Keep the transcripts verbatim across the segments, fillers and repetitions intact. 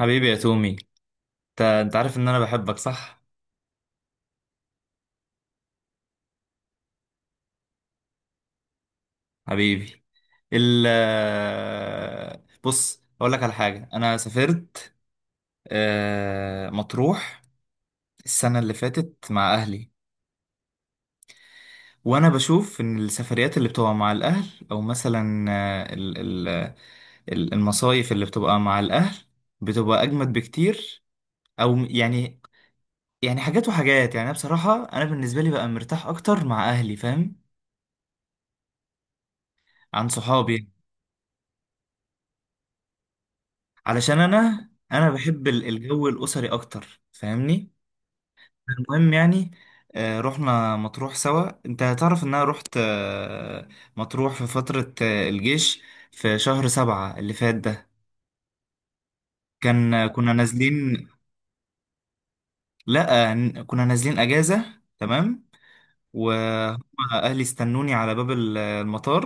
حبيبي يا تومي، انت انت عارف ان انا بحبك صح؟ حبيبي. ال بص اقول لك على حاجه. انا سافرت آه، مطروح السنه اللي فاتت مع اهلي. وانا بشوف ان السفريات اللي بتبقى مع الاهل، او مثلا آه، ال- ال- ال- المصايف اللي بتبقى مع الاهل، بتبقى اجمد بكتير. او م- يعني يعني حاجات وحاجات، يعني أنا بصراحه، انا بالنسبه لي بقى مرتاح اكتر مع اهلي، فاهم، عن صحابي. علشان انا انا بحب ال- الجو الاسري اكتر، فاهمني. المهم يعني، آه، رحنا مطروح سوا. انت هتعرف ان انا رحت آه، مطروح في فترة آه، الجيش، في شهر سبعة اللي فات ده. كان آه، كنا نازلين. لا، آه، ن- كنا نازلين اجازة. تمام. وهم اهلي استنوني على باب ال- المطار.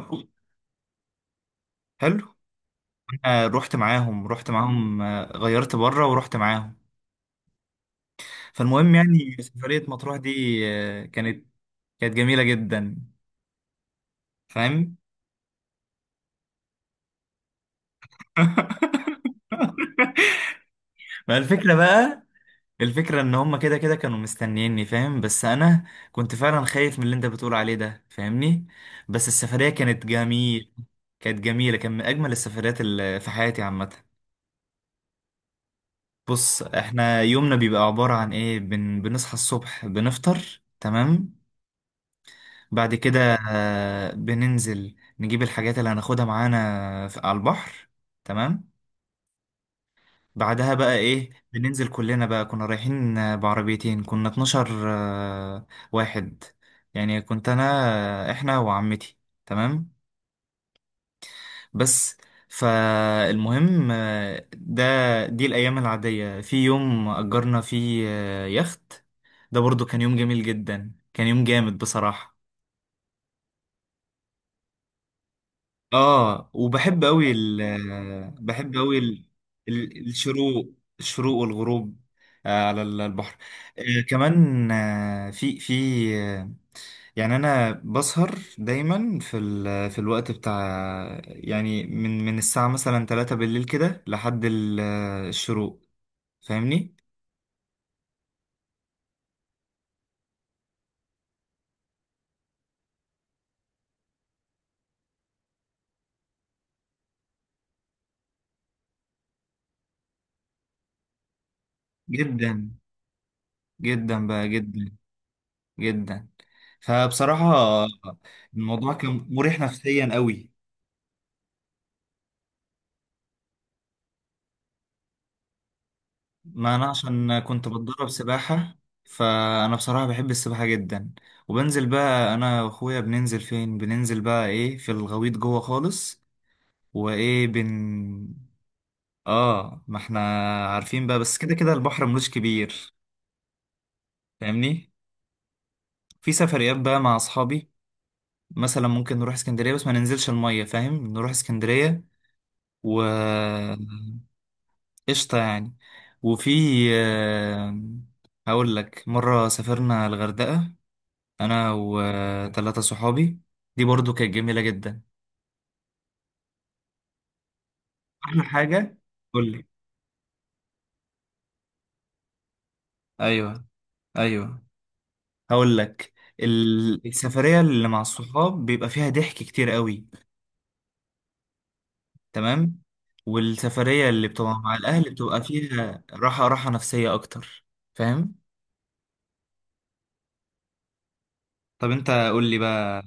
حلو. انا رحت معاهم رحت معاهم، آه، غيرت بره ورحت معاهم. فالمهم يعني سفرية مطروح دي آه، كانت كانت جميلة جدا، فاهم. ما الفكرة بقى، الفكرة ان هما كده كده كانوا مستنييني، فاهم، بس انا كنت فعلا خايف من اللي انت بتقول عليه ده، فاهمني. بس السفرية كانت جميل كانت جميلة، كان من اجمل السفريات اللي في حياتي عامة. بص، احنا يومنا بيبقى عبارة عن ايه، بن... بنصحى الصبح، بنفطر. تمام. بعد كده آه، بننزل نجيب الحاجات اللي هناخدها معانا في... على البحر. تمام. بعدها بقى ايه، بننزل كلنا بقى، كنا رايحين آه، بعربيتين، كنا اتناشر آه، واحد، يعني كنت انا، آه، احنا وعمتي. تمام. بس. فالمهم آه، ده دي الايام العادية. في يوم اجرنا فيه آه، يخت، ده برضو كان يوم جميل جدا، كان يوم جامد بصراحة. اه. وبحب قوي ال بحب قوي ال... ال- الشروق الشروق والغروب آه، على ال- البحر، آه، كمان آه، في في آه، يعني انا بسهر دايما في ال... في الوقت بتاع، يعني من من الساعة مثلا ثلاثة بالليل كده لحد ال- آه، الشروق، فاهمني. جدا، جدا بقى، جدا. جدا، فبصراحة الموضوع كان مريح نفسيا قوي. ما انا عشان كنت بتدرب سباحة، فانا بصراحة بحب السباحة جدا. وبنزل بقى انا واخويا، بننزل فين؟ بننزل بقى ايه؟ في الغويط جوه خالص. وايه بن اه، ما احنا عارفين بقى، بس كده كده البحر ملوش كبير، فاهمني. في سفريات بقى مع اصحابي، مثلا ممكن نروح اسكندرية بس ما ننزلش المية، فاهم، نروح اسكندرية و... قشطة يعني. وفي آه، هقول لك، مرة سافرنا الغردقة انا وثلاثه صحابي، دي برضو كانت جميله جدا. احلى حاجه؟ قول لي. ايوه، ايوه، هقول لك. ال- السفريه اللي مع الصحاب بيبقى فيها ضحك كتير قوي. تمام. والسفريه اللي بتبقى مع الاهل بتبقى فيها راحه راحه نفسيه اكتر، فاهم. طب انت قول لي بقى،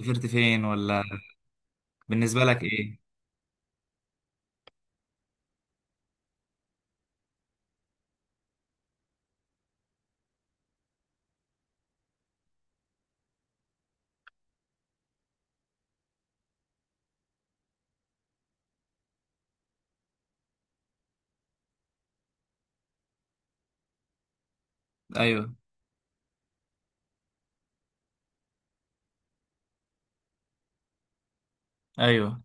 سافرت فين ولا؟ بالنسبه لك ايه؟ ايوه، ايوه،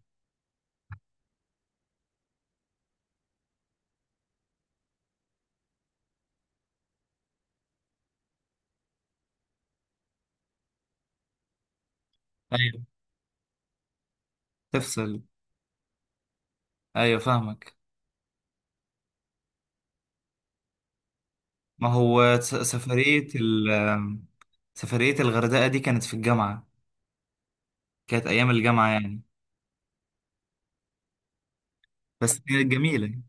ايوه، تفصل. ايوه، فاهمك. ما هو س- سفرية ال سفرية الغردقة دي كانت في الجامعة، كانت أيام الجامعة يعني. بس كانت جميلة،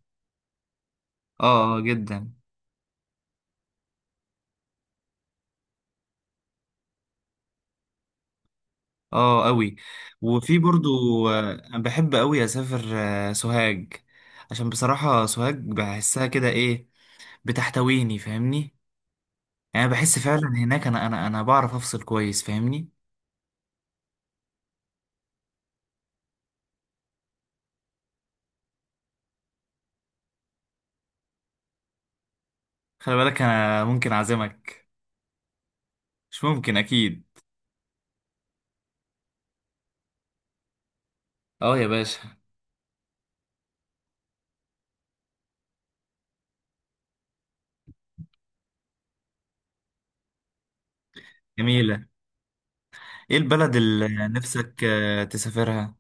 اه، آه، جدا. اه، أوي. وفي برضو، آه، أنا بحب أوي أسافر آه، سوهاج، عشان بصراحة سوهاج بحسها كده، إيه بتحتويني، فاهمني. يعني أنا بحس فعلا هناك أنا أنا أنا بعرف أفصل كويس، فاهمني. خلي بالك، أنا ممكن أعزمك. مش ممكن أكيد. اه يا باشا. جميلة. ايه البلد اللي نفسك آه، تسافرها؟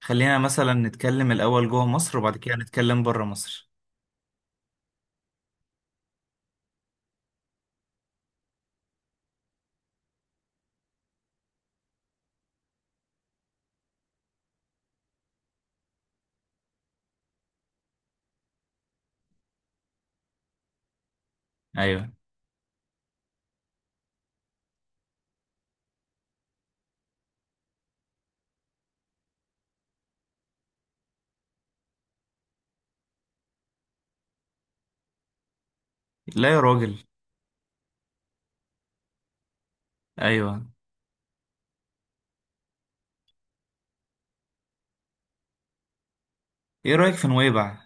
خلينا مثلا نتكلم الأول جوه مصر، وبعد كده نتكلم بره مصر. أيوه. لا يا راجل، أيوه. إيه رأيك في نويبع؟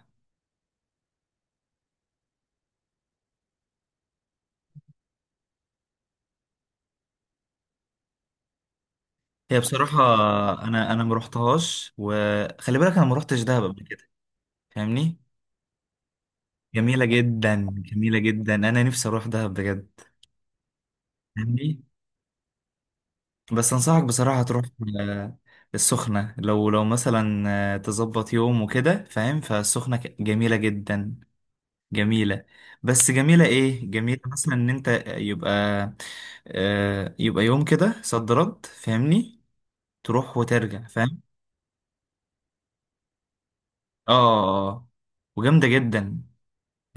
هي بصراحة أنا أنا ما رحتهاش، وخلي بالك أنا ما رحتش دهب قبل كده، فاهمني؟ جميلة جدا، جميلة جدا، أنا نفسي أروح دهب بجد، فاهمني؟ بس أنصحك بصراحة تروح. آه، السخنة، لو لو مثلا آه، تظبط يوم وكده، فاهم، فالسخنة ك- جميلة جدا، جميلة. بس جميلة، ايه جميلة مثلا ان انت يبقى آه يبقى يوم كده صد رد، فاهمني، تروح وترجع، فاهم. اه. آه. آه. وجامدة جدا،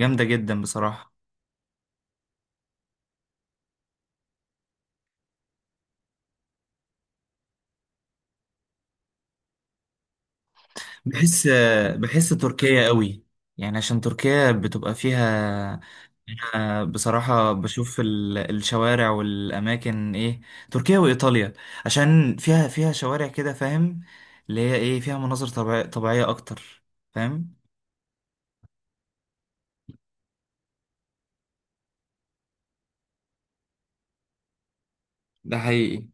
جامدة جدا بصراحة. بحس آه، بحس تركيا قوي، يعني عشان تركيا بتبقى فيها. أنا بصراحة بشوف ال- الشوارع والأماكن، إيه تركيا وإيطاليا، عشان فيها فيها شوارع كده، فاهم، اللي هي إيه فيها مناظر طبيع- طبيعية أكتر، فاهم. ده حقيقي.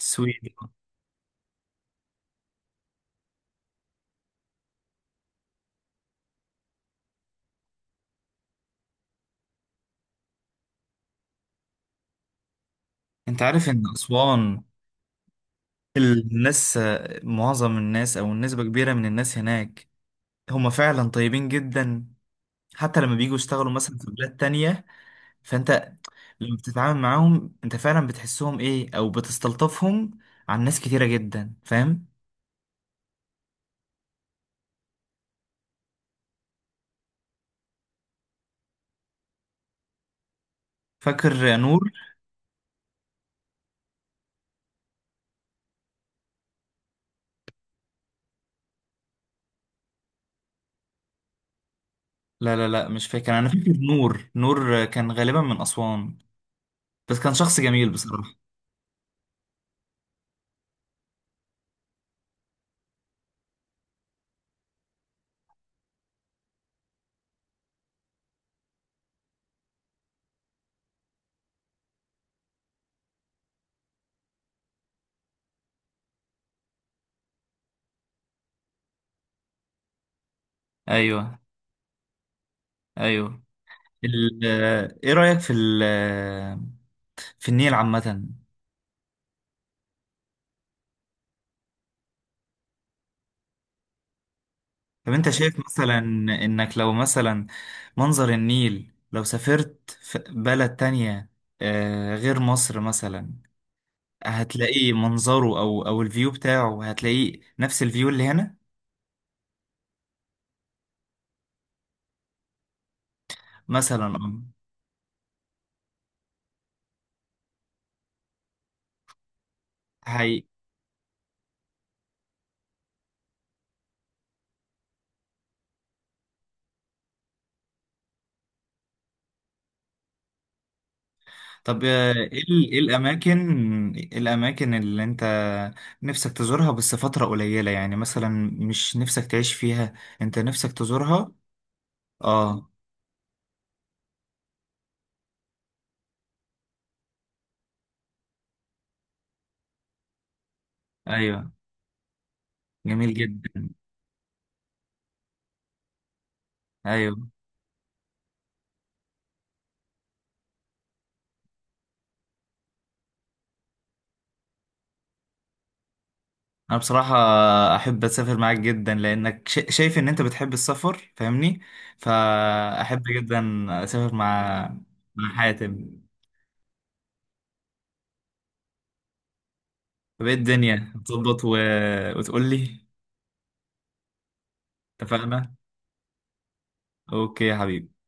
السويد. انت عارف ان اسوان الناس معظم الناس او نسبة كبيرة من الناس هناك، هم فعلا طيبين جدا. حتى لما بييجوا يشتغلوا مثلا في بلاد تانية، فانت لما بتتعامل معاهم انت فعلا بتحسهم، ايه او بتستلطفهم، عن ناس كتيرة جدا، فاهم. فاكر نور؟ لا لا لا، مش فاكر. انا فاكر نور، نور كان غالبا من اسوان، بس كان شخص جميل بصراحة. ايوه، ايوه. ال- ايه رأيك في ال في النيل عامة؟ طب انت شايف مثلا انك لو مثلا منظر النيل لو سافرت في بلد تانية آه، غير مصر مثلا، هتلاقيه منظره او او الفيو بتاعه، هتلاقيه نفس الفيو اللي هنا؟ مثلا اه. هي طب، آه، ايه ال- إيه الاماكن إيه الاماكن اللي انت نفسك تزورها بس فترة قليلة، يعني مثلا مش نفسك تعيش فيها، انت نفسك تزورها. اه. ايوه، جميل جدا. ايوه. انا بصراحة احب اسافر معاك جدا، لانك شا- شايف ان انت بتحب السفر، فاهمني، فاحب جدا اسافر مع مع حاتم. طب ايه الدنيا هتظبط؟ و... وتقول لي، اتفقنا. اوكي يا حبيبي.